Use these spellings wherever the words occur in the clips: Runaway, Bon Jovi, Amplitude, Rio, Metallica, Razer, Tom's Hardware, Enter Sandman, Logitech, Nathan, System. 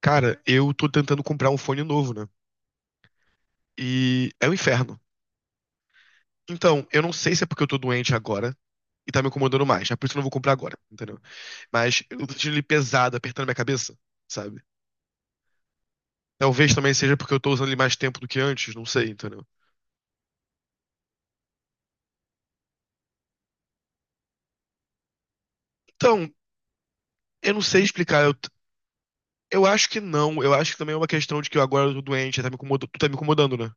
Cara, eu tô tentando comprar um fone novo, né? E é um inferno. Então, eu não sei se é porque eu tô doente agora e tá me incomodando mais. É por isso que eu não vou comprar agora, entendeu? Mas eu tô sentindo ele pesado, apertando minha cabeça, sabe? Talvez também seja porque eu tô usando ele mais tempo do que antes, não sei, entendeu? Então, eu não sei explicar. Eu acho que não. Eu acho que também é uma questão de que eu agora tô doente, tá me incomodando, né?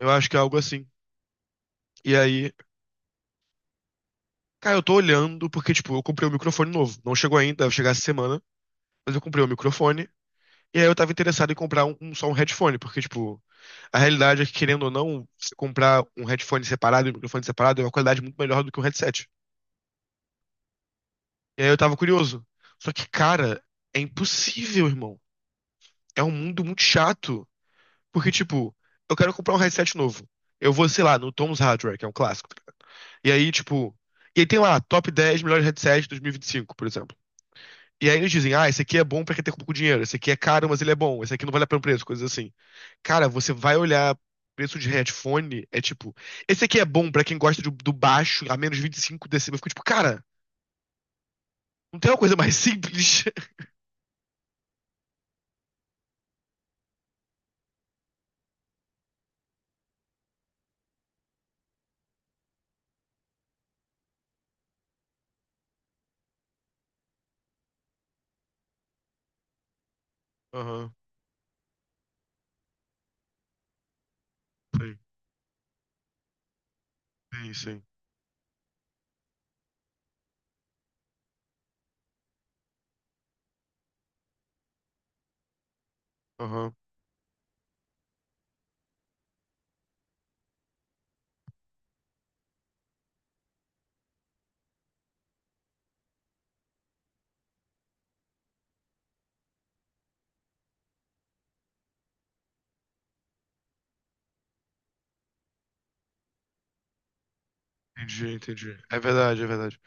Eu acho que é algo assim. E aí, cara, eu tô olhando porque, tipo, eu comprei um microfone novo. Não chegou ainda, deve chegar essa semana. Mas eu comprei o microfone. E aí eu tava interessado em comprar só um headphone, porque, tipo, a realidade é que, querendo ou não, você comprar um headphone separado e um microfone separado é uma qualidade muito melhor do que um headset. E aí eu tava curioso. Só que, cara, é impossível, irmão. É um mundo muito chato. Porque, tipo, eu quero comprar um headset novo. Eu vou, sei lá, no Tom's Hardware, que é um clássico. E aí, tipo. E aí tem lá, top 10 melhores headsets de 2025, por exemplo. E aí eles dizem, ah, esse aqui é bom pra quem tem pouco dinheiro, esse aqui é caro, mas ele é bom, esse aqui não vale a pena o preço, coisas assim. Cara, você vai olhar preço de headphone, é tipo, esse aqui é bom pra quem gosta do baixo a menos 25 decibéis. Eu fico tipo, cara, não tem uma coisa mais simples? Aham, sim, sim, sim. Aham, entendi, entendi. É verdade, é verdade.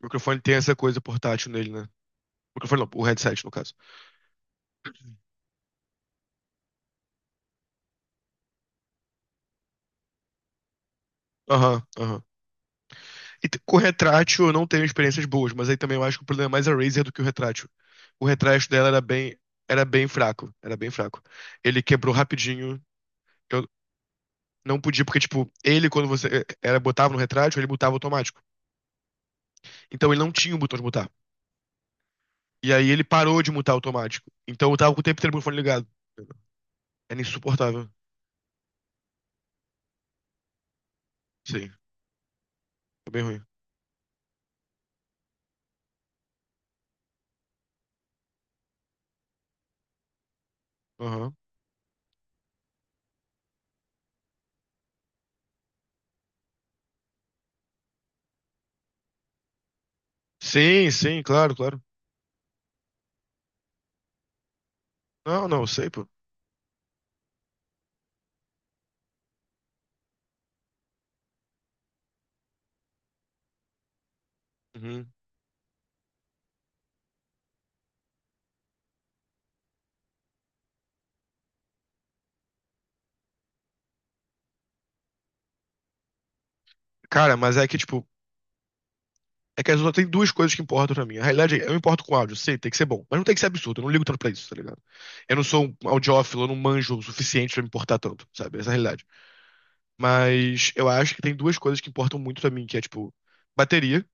O microfone tem essa coisa portátil nele, né? O microfone não, o headset, no caso. Aham, aham. Com o retrátil eu não tenho experiências boas, mas aí também eu acho que o problema é mais a Razer do que o retrátil. O retrátil dela era bem fraco, era bem fraco. Ele quebrou rapidinho. Eu não podia porque tipo, ele quando você eh, era botava no retrátil, ele mutava automático. Então ele não tinha o botão de mutar. E aí ele parou de mutar automático. Então eu tava com o tempo inteiro com o fone ligado. Era insuportável. Sim, foi bem ruim. Aham. Sim, sim, claro, claro. Não, não, sei, pô. Uhum. Cara, mas é que tipo, é que as outras tem duas coisas que importam pra mim. Na realidade, eu importo com áudio, sei, tem que ser bom. Mas não tem que ser absurdo, eu não ligo tanto pra isso, tá ligado? Eu não sou um audiófilo, eu não manjo o suficiente pra me importar tanto, sabe? Essa é a realidade. Mas eu acho que tem duas coisas que importam muito pra mim, que é, tipo, bateria,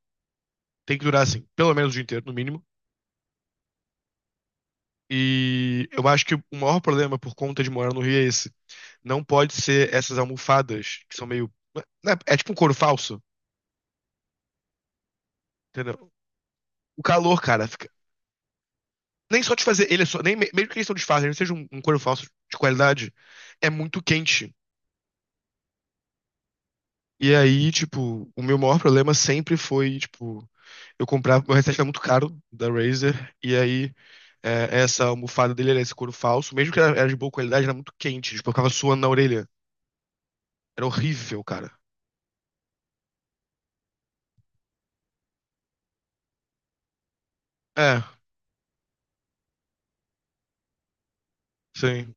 tem que durar, assim, pelo menos o dia inteiro, no mínimo. E eu acho que o maior problema por conta de morar no Rio é esse. Não pode ser essas almofadas que são meio, né, é tipo um couro falso, entendeu? O calor, cara, nem só de fazer ele é só, nem, mesmo que eles não disfarcem, seja um couro falso de qualidade, é muito quente. E aí, tipo, o meu maior problema sempre foi, tipo, eu comprava, meu headset era muito caro da Razer, e aí essa almofada dele era esse couro falso, mesmo que era de boa qualidade, era muito quente, tipo, eu ficava suando na orelha. Era horrível, cara. É, sim.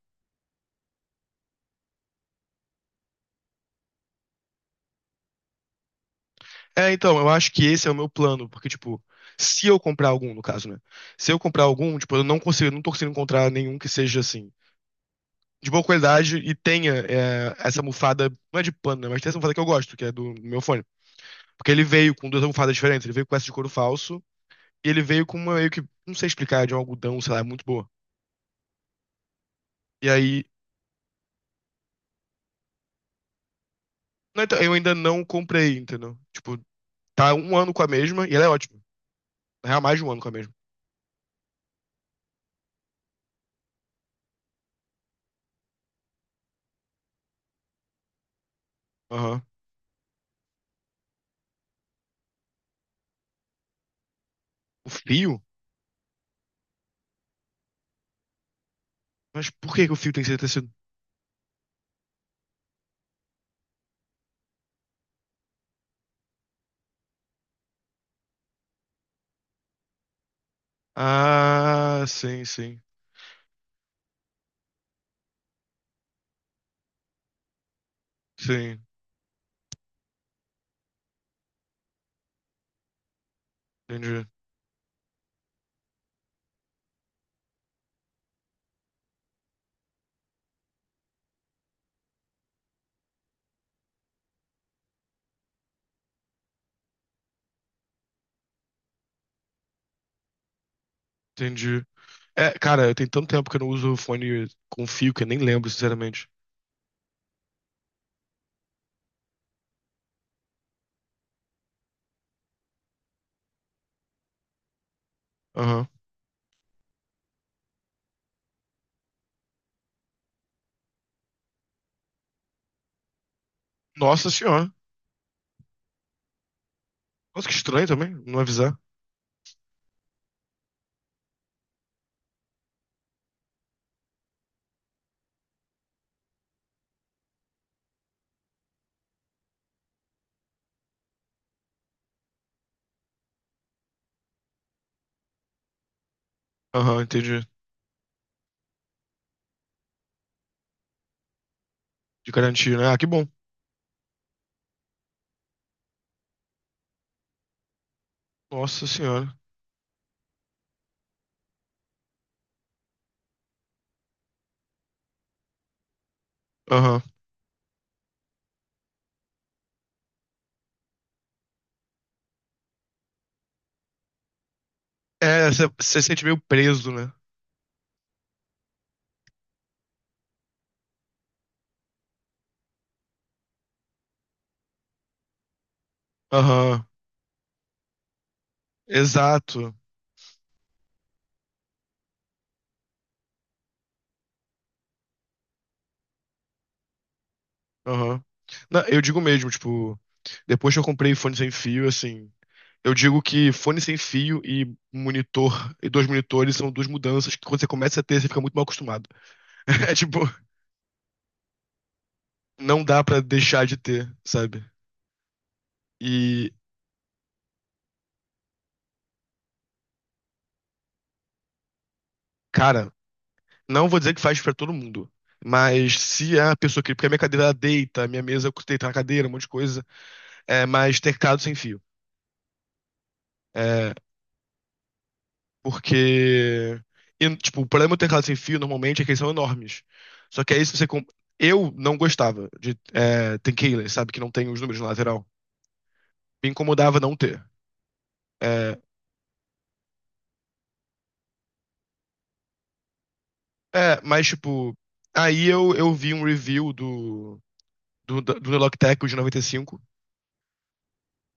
É, então, eu acho que esse é o meu plano, porque, tipo, se eu comprar algum, no caso, né? Se eu comprar algum, tipo, eu não consigo, eu não tô conseguindo encontrar nenhum que seja assim. De boa qualidade e tenha é, essa almofada, não é de pano, né, mas tem essa almofada que eu gosto, que é do meu fone. Porque ele veio com duas almofadas diferentes, ele veio com essa de couro falso e ele veio com uma meio que, não sei explicar, de um algodão, sei lá, muito boa. E aí, não, então, eu ainda não comprei, entendeu? Tipo, tá um ano com a mesma e ela é ótima. Na real, mais de um ano com a mesma. Aham. O fio? Mas por que que o fio tem que ser tecido? Ah, sim, sim. Sim, entendi. Entendi. É, cara, tem tanto tempo que eu não uso o fone com fio que eu nem lembro, sinceramente. Aham. Nossa senhora. Nossa, que estranho também, não avisar. Aham, entendi. De garantia, né? Ah, que bom. Nossa senhora. Aham. É, você se sente meio preso, né? Aham. Exato. Aham. Não, eu digo mesmo, tipo, depois que eu comprei fone sem fio, assim, eu digo que fone sem fio e monitor, e dois monitores são duas mudanças que quando você começa a ter, você fica muito mal acostumado. É tipo, não dá pra deixar de ter, sabe? E, cara, não vou dizer que faz pra todo mundo. Mas se é a pessoa que. Porque a minha cadeira ela deita, a minha mesa deita na cadeira, um monte de coisa. É, mas teclado sem fio. É, porque. E, tipo, o problema do teclado sem fio normalmente é que eles são enormes. Só que aí se você. Eu não gostava de ter keyless, sabe? Que não tem os números na lateral. Me incomodava não ter. É, é, mas tipo. Aí eu vi um review do, do Logitech o de 95.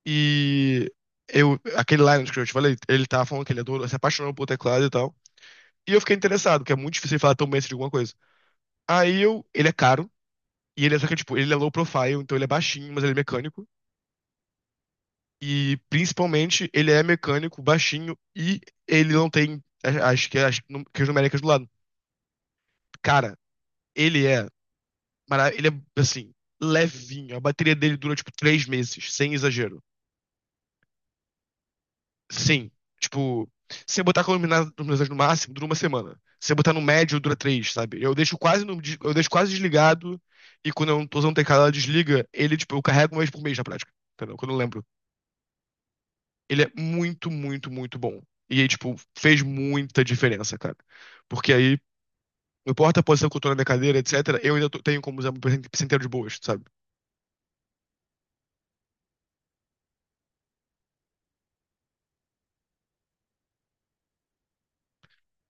E eu, aquele Lionel que eu te falei, ele tava falando que ele adorou, se apaixonou pelo teclado e tal. E eu fiquei interessado, porque é muito difícil ele falar tão bem assim de alguma coisa. Aí eu, ele é caro, e ele é só que, tipo, ele é low profile, então ele é baixinho, mas ele é mecânico. E principalmente, ele é mecânico, baixinho, e ele não tem a- as que as num- que as numéricas do lado. Cara, ele é, ele é assim, levinho. A bateria dele dura tipo 3 meses, sem exagero. Sim. Tipo, se eu botar com iluminação no máximo, dura uma semana. Se eu botar no médio, dura três, sabe? Eu deixo quase desligado e quando eu não tô usando o teclado, ela desliga, ele, tipo, eu carrego uma vez por mês na prática. Entendeu? Quando eu lembro. Ele é muito, muito, muito bom. E aí, tipo, fez muita diferença, cara. Porque aí, não importa a posição que eu tô na minha cadeira, etc., eu ainda tenho como usar o presente inteiro de boas, sabe?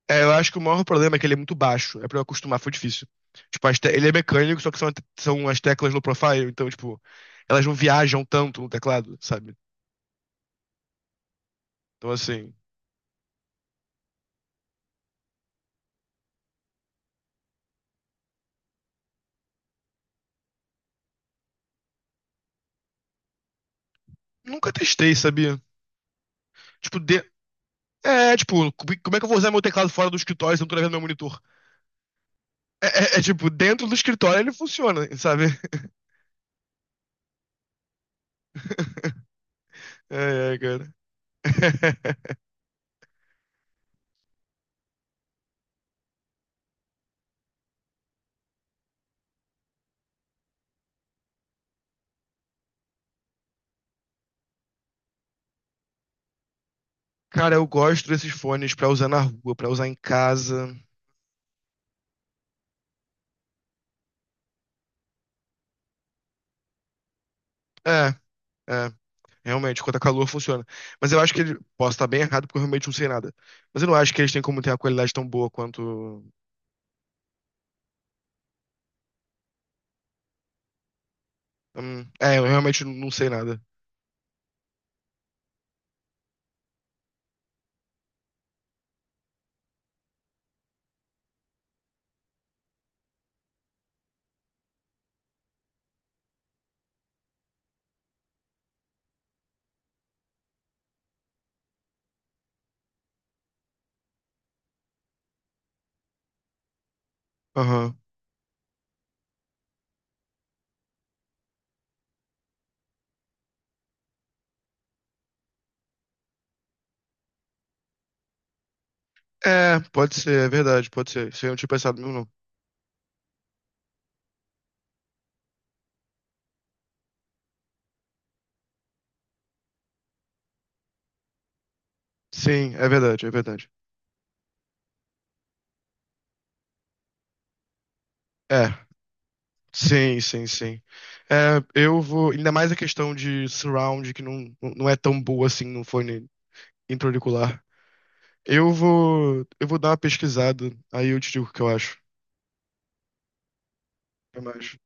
É, eu acho que o maior problema é que ele é muito baixo. É pra eu acostumar, foi difícil. Tipo, ele é mecânico, só que são, são as teclas low profile, então, tipo, elas não viajam tanto no teclado, sabe? Então, assim, nunca testei, sabia? Tipo, de... É, tipo, como é que eu vou usar meu teclado fora do escritório se eu não tô levando meu monitor? É, é tipo, dentro do escritório ele funciona, sabe? É, é, cara. Cara, eu gosto desses fones pra usar na rua, pra usar em casa. É, é. Realmente, quanto a calor funciona. Mas eu acho que ele. Posso estar bem errado, porque eu realmente não sei nada. Mas eu não acho que eles têm como ter uma qualidade tão boa quanto. É, eu realmente não sei nada. Aham. É, pode ser, é verdade, pode ser. Isso aí eu não tinha pensado mesmo, não. Sim, é verdade, é verdade. É, sim, sim, sim. É, eu vou. Ainda mais a questão de surround, que não é tão boa assim no fone intrauricular. Eu vou. Eu vou dar uma pesquisada, aí eu te digo o que eu acho. Até mais.